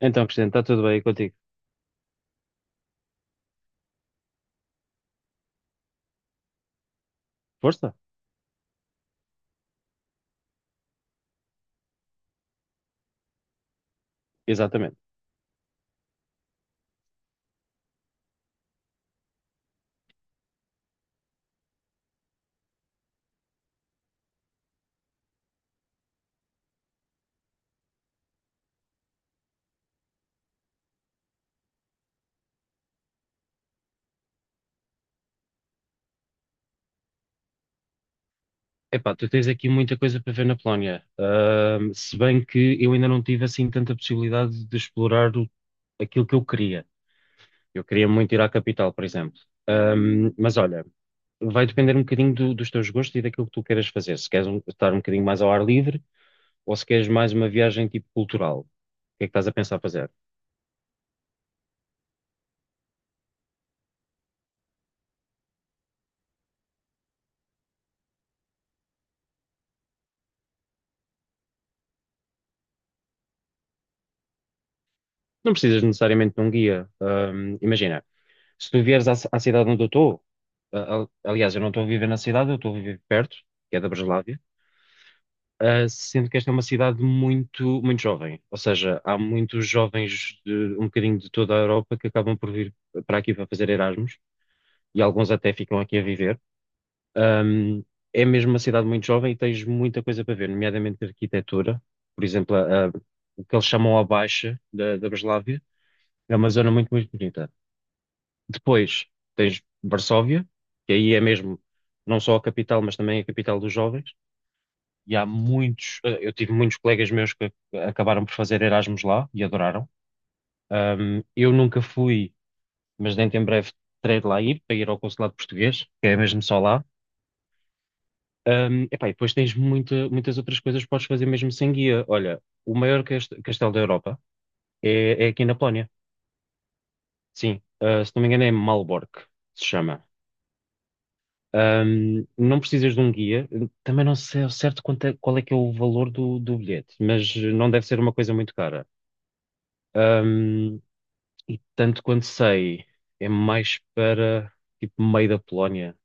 Então, presidente, está tudo bem contigo? Força? Exatamente. Epá, tu tens aqui muita coisa para ver na Polónia. Se bem que eu ainda não tive assim tanta possibilidade de aquilo que eu queria. Eu queria muito ir à capital, por exemplo. Mas olha, vai depender um bocadinho dos teus gostos e daquilo que tu queiras fazer. Se queres estar um bocadinho mais ao ar livre ou se queres mais uma viagem tipo cultural. O que é que estás a pensar fazer? Não precisas necessariamente de um guia. Imagina. Se tu vieres à cidade onde eu estou, aliás, eu não estou a viver na cidade, eu estou a viver perto, que é da Breslávia, ah, sendo que esta é uma cidade muito, muito jovem. Ou seja, há muitos jovens de um bocadinho de toda a Europa que acabam por vir para aqui para fazer Erasmus, e alguns até ficam aqui a viver. Ahm, é mesmo uma cidade muito jovem e tens muita coisa para ver, nomeadamente arquitetura. Por exemplo, o que eles chamam a Baixa da Breslávia é uma zona muito, muito bonita. Depois tens Varsóvia, que aí é mesmo não só a capital, mas também a capital dos jovens. E há muitos, eu tive muitos colegas meus que acabaram por fazer Erasmus lá e adoraram. Eu nunca fui, mas dentro em breve terei de lá ir, para ir ao consulado português, que é mesmo só lá. Epá, e depois tens muitas outras coisas que podes fazer mesmo sem guia. Olha, o maior castelo da Europa é aqui na Polónia. Sim, ah, se não me engano é Malbork, se chama. Não precisas de um guia. Também não sei ao certo qual é que é o valor do bilhete, mas não deve ser uma coisa muito cara. Ahm, e tanto quanto sei, é mais para tipo meio da Polónia.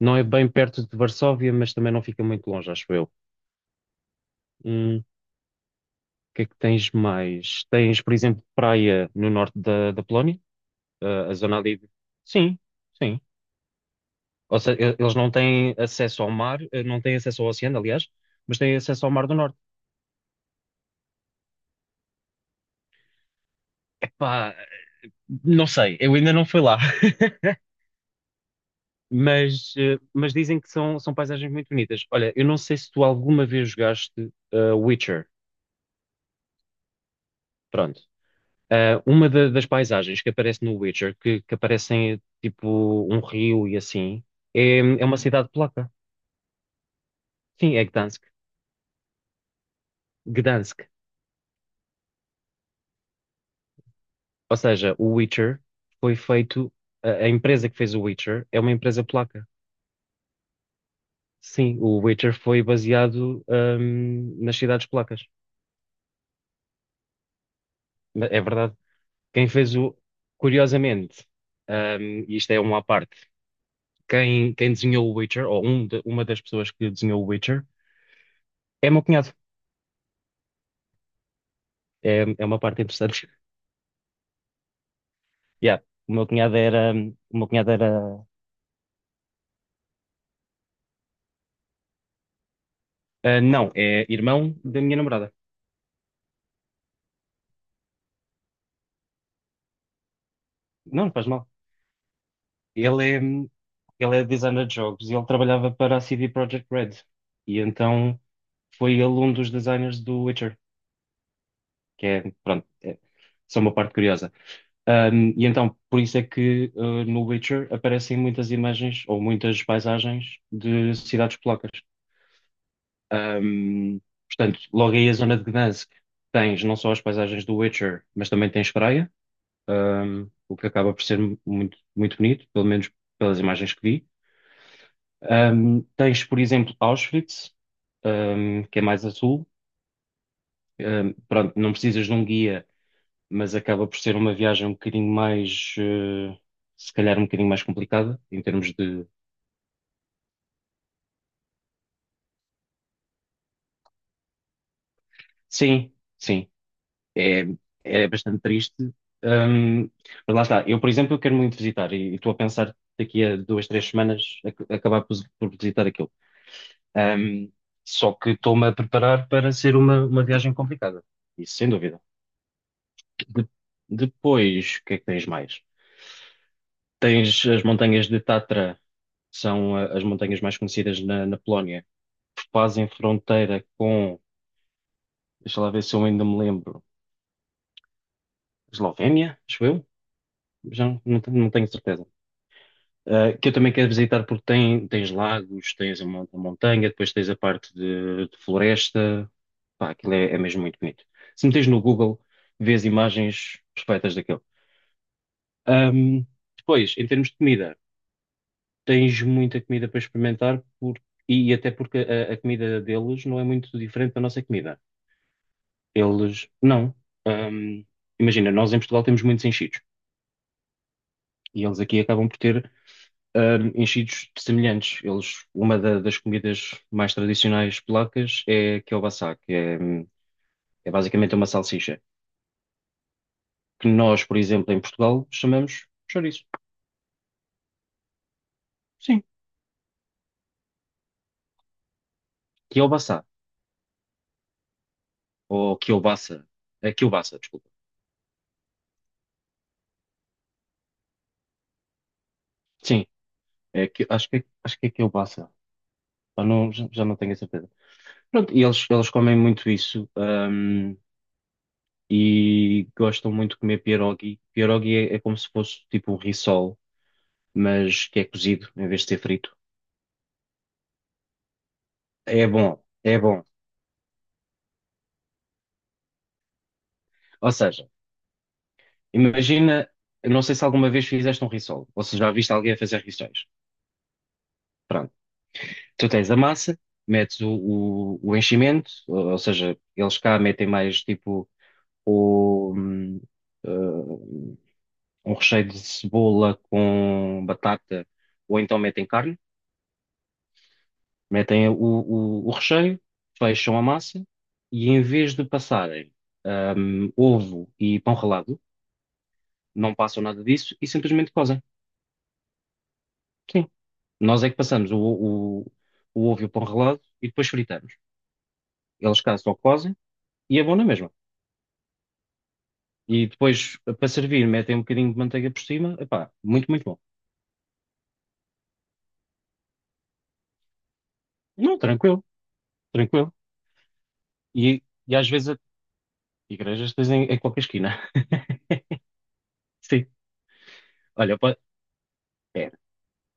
Não é bem perto de Varsóvia, mas também não fica muito longe, acho eu. O que é que tens mais? Tens, por exemplo, praia no norte da Polónia. Ah, a zona ali. Sim, sim. Ou seja, eles não têm acesso ao mar, eh, não têm acesso ao oceano, aliás, mas têm acesso ao mar do norte. Epá, não sei, eu ainda não fui lá, mas, mas dizem que são paisagens muito bonitas. Olha, eu não sei se tu alguma vez jogaste Witcher. Pronto. Ah, uma das paisagens que aparece no Witcher, que aparecem tipo um rio e assim, é uma cidade polaca. Sim, é Gdansk. Gdansk. Ou seja, o Witcher foi feito, a empresa que fez o Witcher é uma empresa polaca. Sim, o Witcher foi baseado, nas cidades polacas. É verdade. Quem fez o. Curiosamente, e isto é uma à parte, quem desenhou o Witcher, ou um uma das pessoas que desenhou o Witcher, é o meu cunhado. É uma parte interessante. Yeah, o meu cunhado era. O meu cunhado era. Ah, não, é irmão da minha namorada. Não, não faz mal. Ele é, ele é designer de jogos e ele trabalhava para a CD Projekt Red. E então foi ele um dos designers do Witcher, que é, pronto, é só uma parte curiosa. Um, e então, por isso é que no Witcher aparecem muitas imagens ou muitas paisagens de cidades polacas. Um, portanto, logo aí a zona de Gdansk tens não só as paisagens do Witcher, mas também tens praia, um, o que acaba por ser muito, muito bonito, pelo menos pelas imagens que vi. Um, tens, por exemplo, Auschwitz, um, que é mais a sul. Um, pronto, não precisas de um guia, mas acaba por ser uma viagem um bocadinho mais, eh, se calhar um bocadinho mais complicada, em termos de. Sim, sim, é, é bastante triste. Ahm, mas lá está, eu, por exemplo, eu quero muito visitar e estou a pensar daqui a duas, três semanas acabar por visitar aquilo. Ahm, só que estou-me a preparar para ser uma viagem complicada, isso sem dúvida. De- Depois, o que é que tens mais? Tens as montanhas de Tatra, que são ah, as montanhas mais conhecidas na na Polónia, fazem fronteira com, deixa lá ver se eu ainda me lembro, Eslovénia, acho eu, já não tenho certeza. Ah, que eu também quero visitar porque tem, tens lagos, tens a a montanha, depois tens a parte de floresta, pá, aquilo é mesmo muito bonito. Se metes no Google, vês imagens perfeitas daquilo. Ahm, depois, em termos de comida, tens muita comida para e até porque a comida deles não é muito diferente da nossa comida. Eles não. Ahm, imagina, nós em Portugal temos muitos enchidos, e eles aqui acabam por ter enchidos semelhantes. Eles, uma das comidas mais tradicionais polacas é kielbasa, que é, é basicamente uma salsicha, que nós, por exemplo, em Portugal chamamos chouriço. Sim, kielbasa ou kielbasa. É kielbasa, desculpa. Sim, que acho acho que é kielbasa. Ah, não, já não tenho a certeza. Pronto, e eles comem muito isso. E gostam muito de comer pierogi. Pierogi é como se fosse tipo um rissol, mas que é cozido em vez de ser frito. É bom, é bom. Ou seja, imagina, eu não sei se alguma vez fizeste um rissol, ou se já viste alguém a fazer rissóis. Pronto. Tu tens a massa, metes o enchimento, ou seja, eles cá metem mais tipo o, eh, um recheio de cebola com batata, ou então metem carne. Metem o recheio, fecham a massa, e em vez de passarem ovo e pão ralado, não passam nada disso e simplesmente cozem. Sim. Nós é que passamos o ovo e o pão ralado e depois fritamos. Eles cá só cozem e é bom na mesma. E depois, para servir, metem um bocadinho de manteiga por cima. Epá, muito, muito bom. Não, tranquilo, tranquilo. E, e às vezes, igrejas tens em qualquer esquina. Sim. Olha, pá, é,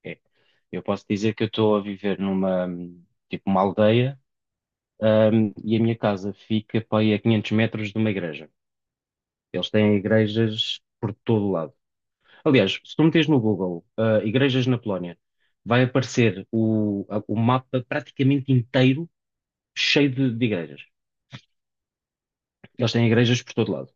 é. Eu posso dizer que eu estou a viver numa, tipo, uma aldeia, e a minha casa fica para aí a 500 metros de uma igreja. Eles têm igrejas por todo o lado. Aliás, se tu meteres no Google, ah, igrejas na Polónia, vai aparecer o mapa praticamente inteiro cheio de igrejas. Eles têm igrejas por todo lado.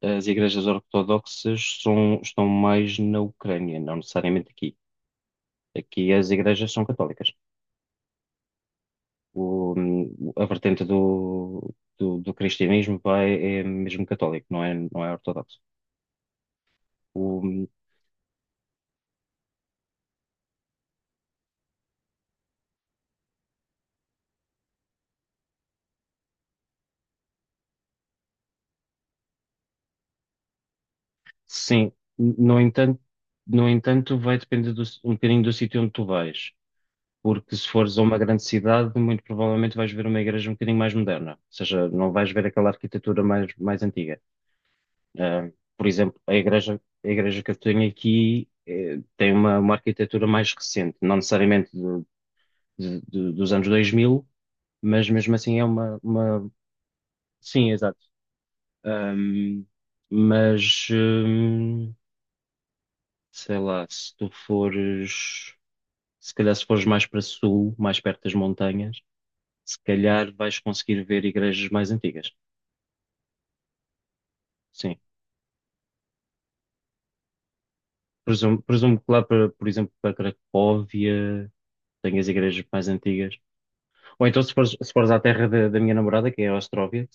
As igrejas ortodoxas estão mais na Ucrânia, não necessariamente aqui. Aqui as igrejas são católicas. O, a vertente do cristianismo é mesmo católico, não é ortodoxo. O, sim, no entanto, no entanto, vai depender um bocadinho do sítio onde tu vais. Porque se fores a uma grande cidade, muito provavelmente vais ver uma igreja um bocadinho mais moderna. Ou seja, não vais ver aquela arquitetura mais, mais antiga. Ah, por exemplo, a igreja que eu tenho aqui eh, tem uma arquitetura mais recente, não necessariamente dos anos dois mil, mas mesmo assim é uma... Sim, exato. Ahm, mas, sei lá, se calhar se fores mais para sul, mais perto das montanhas, se calhar vais conseguir ver igrejas mais antigas. Sim. Presumo, presumo que lá, para, por exemplo, para Cracóvia, tenhas igrejas mais antigas. Ou então se fores à terra da minha namorada, que é a Ostróvia,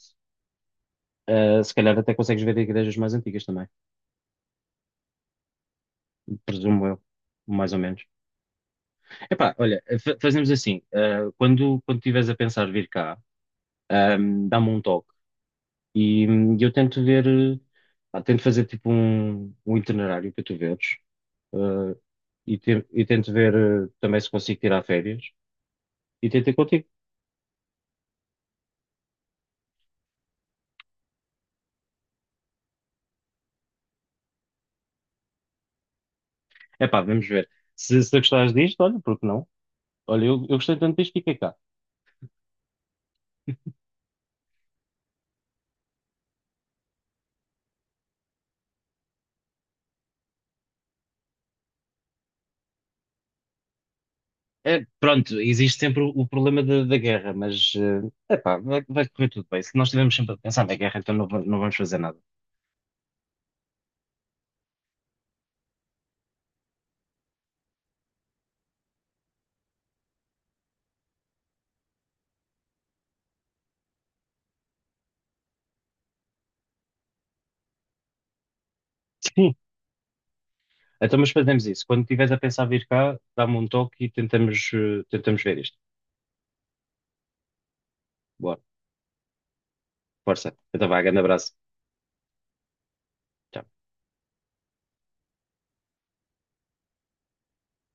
eh, se calhar até consegues ver igrejas mais antigas também. Presumo eu, mais ou menos. Epá, olha, fazemos assim, ah, quando estiveres a pensar vir cá, ah, dá-me um toque e eu tento ver, ah, tento fazer tipo um, um itinerário para tu veres, ah, e tento ver ah, também se consigo tirar férias, e tento ir contigo. Epá, vamos ver. Se gostares disto, olha, porque não? Olha, eu gostei tanto disto, fiquei cá. É, pronto, existe sempre o problema da guerra, mas, ah, epá, vai correr tudo bem. Se nós estivermos sempre a pensar na guerra, então não, não vamos fazer nada. Então, mas fazemos isso. Quando estiveres a pensar vir cá, dá-me um toque e tentamos, eh, tentamos ver isto. Boa, força. Então, vá, grande abraço. Tchau.